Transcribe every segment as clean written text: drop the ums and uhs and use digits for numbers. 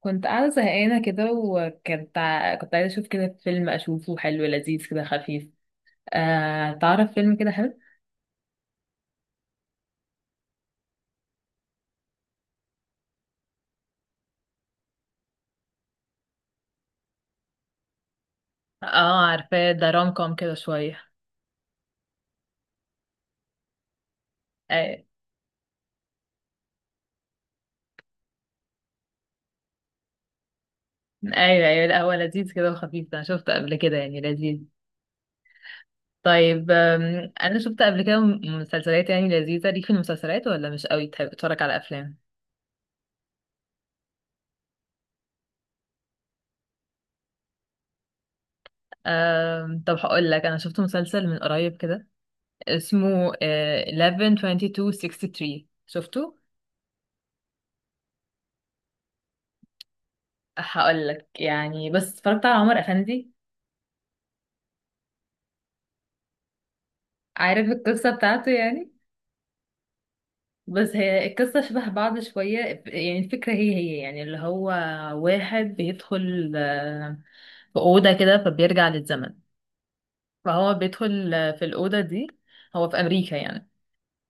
كنت قاعدة زهقانة كده، وكنت ع- كنت عايزة أشوف كده فيلم أشوفه حلو لذيذ كده خفيف. تعرف فيلم كده حلو؟ اه، عارفاه ده روم كوم كده شوية. أي- أيوه، أيوه، لا هو لذيذ كده وخفيف، أنا شفته قبل كده يعني لذيذ. طيب، أنا شفت قبل كده مسلسلات يعني لذيذة. ليك في المسلسلات ولا مش قوي تحب تتفرج على أفلام؟ طب هقول لك، أنا شفت مسلسل من قريب كده اسمه 11 22 63، شفته؟ هقول لك، يعني بس اتفرجت على عمر افندي. عارف القصه بتاعته يعني. بس هي القصه شبه بعض شويه، يعني الفكره هي هي، يعني اللي هو واحد بيدخل في اوضه كده فبيرجع للزمن. فهو بيدخل في الاوضه دي، هو في امريكا يعني.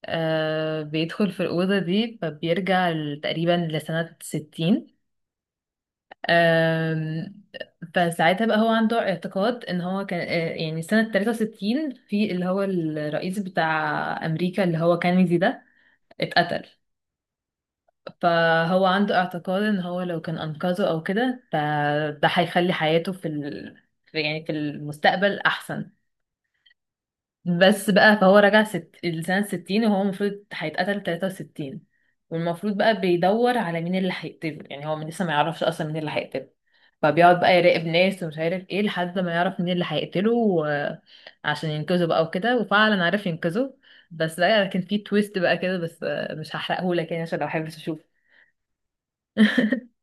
بيدخل في الاوضه دي فبيرجع تقريبا لسنه 60. فساعتها بقى هو عنده اعتقاد ان هو كان، يعني سنة 63، في اللي هو الرئيس بتاع امريكا اللي هو كينيدي ده اتقتل. فهو عنده اعتقاد ان هو لو كان انقذه او كده، ده هيخلي حياته يعني في المستقبل احسن. بس بقى فهو رجع لسنة ستين، وهو المفروض هيتقتل تلاتة وستين. والمفروض بقى بيدور على مين اللي هيقتله، يعني هو لسه ما يعرفش أصلا مين اللي هيقتله. فبيقعد بقى يراقب ناس ومش عارف ايه، لحد ما يعرف مين اللي هيقتله عشان ينقذه بقى وكده، وفعلا عرف ينقذه. بس بقى كان في تويست بقى كده، بس مش هحرقهولك يعني عشان لو حابب تشوفه.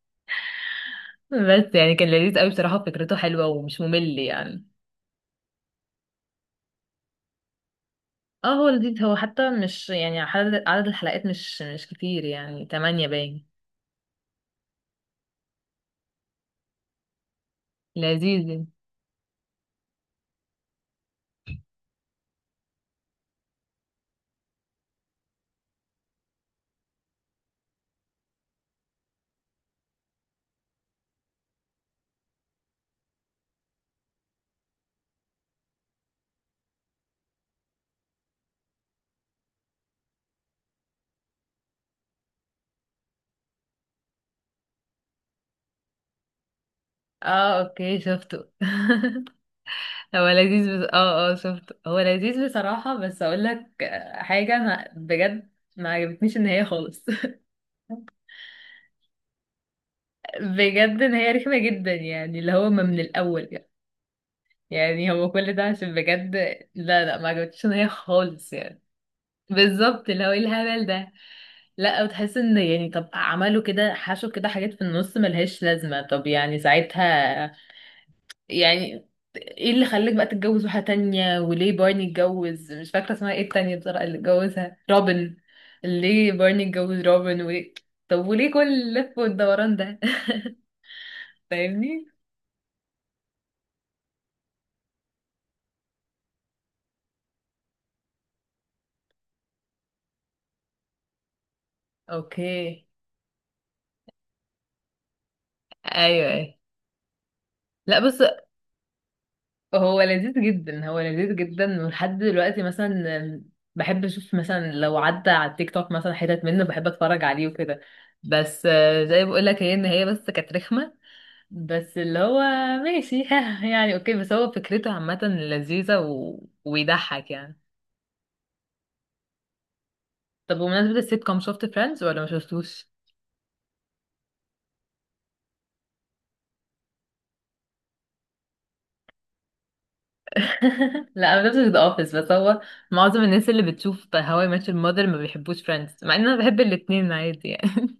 بس يعني كان لذيذ قوي بصراحة، فكرته حلوة ومش ممل يعني. اه، هو لذيذ، هو حتى مش يعني عدد الحلقات مش كتير يعني، تمانية باين. لذيذ يعني. اه، اوكي شفته. هو لذيذ بس اه، اه، شفته، هو لذيذ بصراحة، بس اقول لك حاجة، انا بجد ما عجبتنيش النهاية خالص. بجد نهاية رخمة جدا يعني، اللي هو ما من الاول يعني، يعني هو كل ده عشان بجد. لا، لا، ما عجبتنيش النهاية خالص يعني. بالظبط، اللي هو ايه الهبل ده. لا وتحس ان، يعني طب عملوا كده حشوا كده حاجات في النص ملهاش لازمة، طب يعني ساعتها، يعني ايه اللي خلاك بقى تتجوز واحدة تانية؟ وليه بارني اتجوز، مش فاكرة اسمها ايه التانية بصراحة، اللي اتجوزها روبن. ليه بارني اتجوز روبن؟ وليه؟ طب وليه كل اللف والدوران ده؟ فاهمني؟ اوكي، ايوه، ايوه. لا بس هو لذيذ جدا، هو لذيذ جدا، ولحد دلوقتي مثلا بحب اشوف، مثلا لو عدى على التيك توك مثلا حتت منه بحب اتفرج عليه وكده. بس زي بقول لك، هي ان هي بس كانت رخمه، بس اللي هو ماشي يعني، اوكي، بس هو فكرته عامه لذيذه ويضحك يعني. طب بمناسبة السيت كوم، شفت فريندز ولا ما شفتوش؟ لا، انا ما شفتش ذا اوفيس، بس هو معظم الناس اللي بتشوف هواي I ماتش المادر ما بيحبوش فريندز، مع ان انا بحب الاتنين عادي يعني.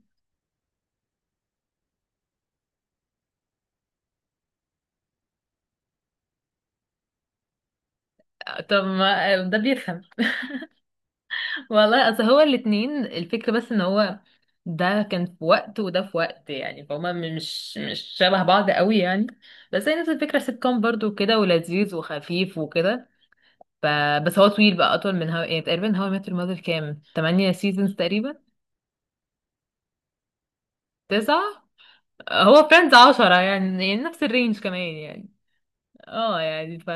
طب ما ده بيفهم. والله اصل هو الاتنين الفكرة، بس ان هو ده كان في وقت وده في وقت، يعني فهما مش شبه بعض قوي يعني. بس هي نفس الفكرة، سيت كوم برضه كده، ولذيذ وخفيف وكده. ف... بس هو طويل بقى، اطول من هوا يعني، تقريبا هوا متر مother كام تمانية سيزونز تقريبا. تسعة. هو فريندز عشرة يعني، يعني نفس الرينج كمان يعني. اه يعني،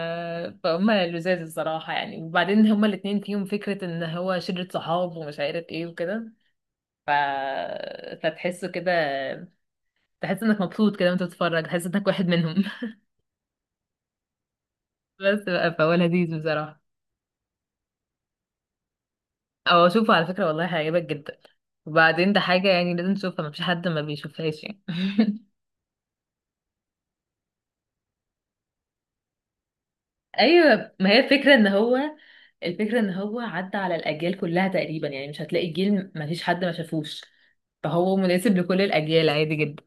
فهما لذاذ الصراحة يعني، وبعدين هما الاتنين فيهم فكرة ان هو شلة صحاب ومش عارف ايه وكده. ف... فتحسه كده، تحس انك مبسوط كده وانت بتتفرج، تحس انك واحد منهم. بس بقى فهو لذيذ بصراحة. او اشوفه على فكرة، والله هيعجبك جدا، وبعدين ده حاجة يعني لازم تشوفها، مفيش حد ما بيشوفهاش يعني. ايوه، ما هي الفكرة ان هو الفكرة ان هو عدى على الاجيال كلها تقريبا، يعني مش هتلاقي جيل مفيش حد ما شافوش، فهو مناسب لكل الاجيال عادي جدا.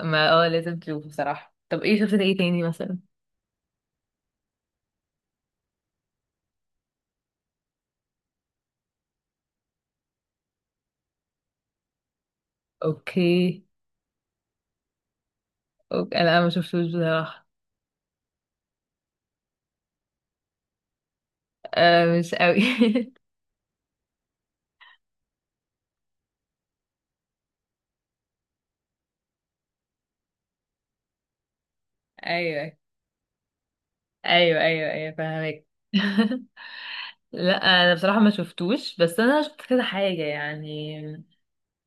ما اه، لازم تشوفه بصراحة. طب ايه، شفت ايه تاني مثلا؟ اوكي، اوكي، أنا ما شفتوش بصراحة. مش قوي. ايوه، ايوه، ايوه، ايوه، فاهمك. لا، انا بصراحة ما شفتوش، بس انا شفت كذا حاجة يعني،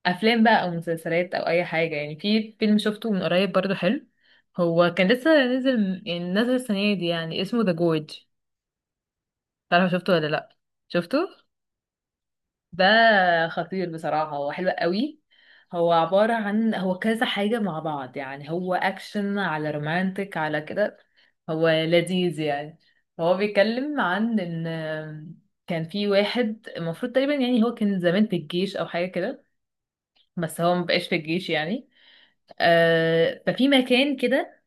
افلام بقى او مسلسلات او اي حاجة يعني. في فيلم شفته من قريب برضو حلو، هو كان لسه نازل يعني، نازل السنة دي يعني، اسمه ذا جورج. تعرف، شفته ولا لا؟ شفته. ده خطير بصراحة، هو حلو قوي. هو عبارة عن، هو كذا حاجة مع بعض يعني، هو أكشن على رومانتك على كده، هو لذيذ يعني. هو بيتكلم عن إن كان في واحد، المفروض تقريبا يعني هو كان زمان في الجيش أو حاجة كده، بس هو مبقاش في الجيش يعني. ففي مكان كده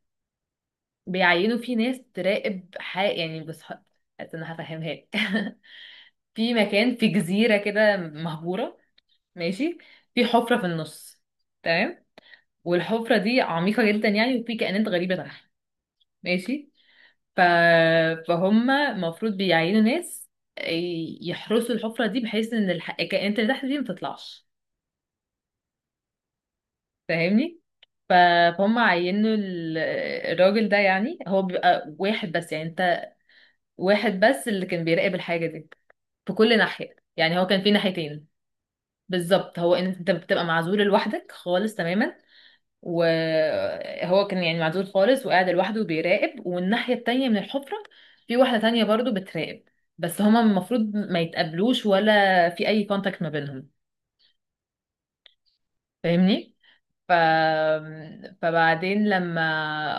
بيعينوا فيه ناس تراقب حق يعني، بس حاسة إن أنا هفهمها لك. في مكان في جزيرة كده مهجورة، ماشي، في حفرة في النص، تمام، والحفرة دي عميقة جدا يعني، وفي كائنات غريبة تحت، ماشي. ف... فهم المفروض بيعينوا ناس يحرسوا الحفرة دي، بحيث ان الكائنات اللي تحت دي ما تطلعش، فاهمني؟ ف... فهم عينوا الراجل ده، يعني هو بيبقى واحد بس، يعني انت واحد بس اللي كان بيراقب الحاجة دي في كل ناحية، يعني هو كان في ناحيتين. بالظبط، هو ان انت بتبقى معزول لوحدك خالص تماما، وهو كان يعني معزول خالص وقاعد لوحده بيراقب، والناحية التانية من الحفرة في واحدة تانية برضو بتراقب، بس هما المفروض ما يتقابلوش ولا في أي كونتاكت ما بينهم. فاهمني؟ ف... فبعدين لما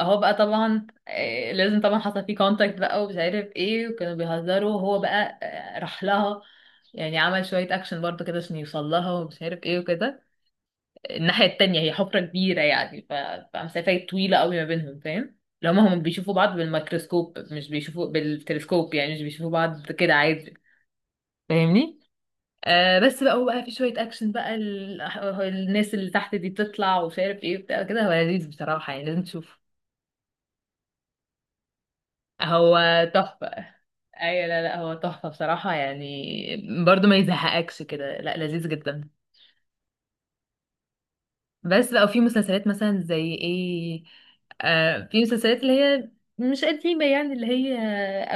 هو بقى طبعا، لازم طبعا حصل فيه كونتاكت بقى ومش عارف ايه، وكانوا بيهزروا وهو بقى راح لها، يعني عمل شوية اكشن برضو كده عشان يوصل لها ومش عارف ايه وكده. الناحية التانية هي حفرة كبيرة يعني، فمسافة طويلة قوي ما بينهم، فاهم؟ لو هما، هم بيشوفوا بعض بالميكروسكوب، مش بيشوفوا بالتلسكوب، يعني مش بيشوفوا بعض كده عادي. فاهمني؟ بس بقى هو بقى في شوية أكشن بقى الناس اللي تحت دي تطلع ومش عارف ايه بتاع كده. هو لذيذ بصراحة يعني لازم تشوفه، هو تحفة. أيوة، لا، لا، هو تحفة بصراحة يعني، برضو ما يزهقكش كده، لا، لذيذ جدا. بس بقى في مسلسلات مثلا زي ايه، في مسلسلات اللي هي مش قديمة يعني، اللي هي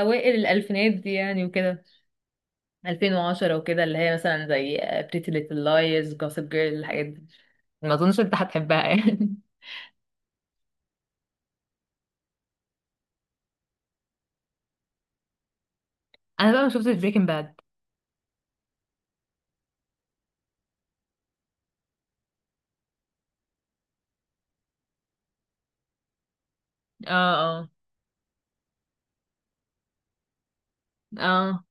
أوائل الألفينات دي يعني وكده، 2010 وكده، اللي هي مثلا زي Pretty Little Liars، Gossip Girl، الحاجات دي. ما أظنش أنت هتحبها يعني. أنا بقى ما شفتش بريكنج باد. اه، اه، اه.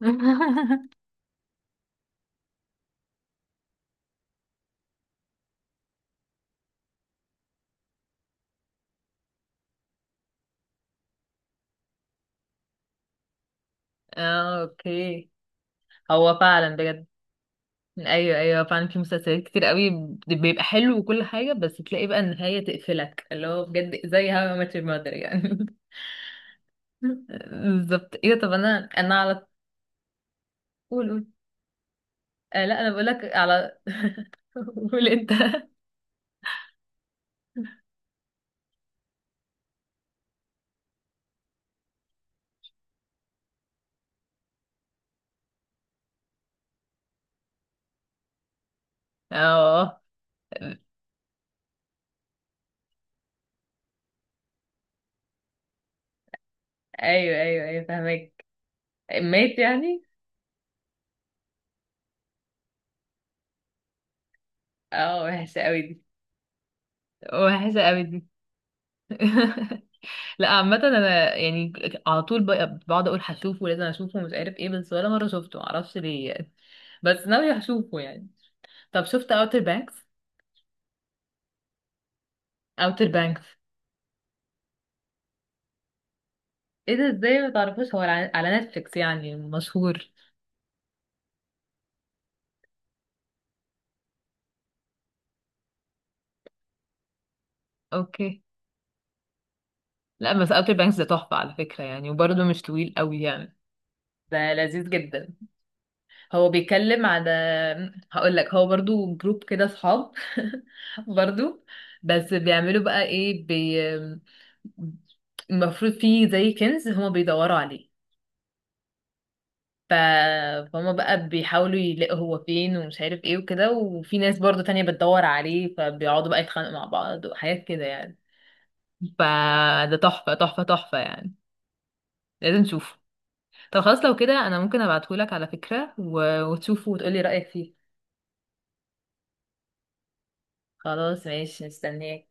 اه، اوكي، هو فعلا بجد. ايوه، ايوه، فعلا في مسلسلات كتير قوي بيبقى حلو وكل حاجه، بس تلاقي بقى النهايه تقفلك، اللي هو بجد زي هاو I Met Your Mother يعني. بالظبط، ايه ده؟ طب انا على، قول، قول. لا، انا بقول لك على، قول انت. اه، ايوه، ايوه، ايوه، فاهمك. مات يعني؟ اه، وحشه قوي دي. وحشه قوي دي. لا عامه انا يعني، على طول بقعد اقول هشوفه لازم اشوفه مش عارف ايه، بس ولا مره شفته، معرفش ليه يعني، بس ناوي هشوفه يعني. طب شفت اوتر بانكس؟ اوتر بانكس. ايه ده؟ ازاي ما تعرفوش؟ هو على نتفليكس يعني مشهور. اوكي. لا بس اوتر بانكس ده تحفة على فكرة يعني، وبرضه مش طويل قوي يعني، ده لذيذ جدا. هو بيتكلم على، هقول لك، هو برضه جروب كده صحاب، برضه بس بيعملوا بقى ايه، المفروض فيه زي كنز هما بيدوروا عليه، ف... فهما بقى بيحاولوا يلاقوا هو فين ومش عارف ايه وكده، وفي ناس برضه تانية بتدور عليه، فبيقعدوا بقى يتخانقوا مع بعض وحاجات كده يعني. فده تحفة تحفة تحفة يعني، لازم تشوفه. طب خلاص، لو كده انا ممكن ابعتهولك على فكرة وتشوفه وتقولي رأيك فيه. خلاص، ماشي، مستنياك.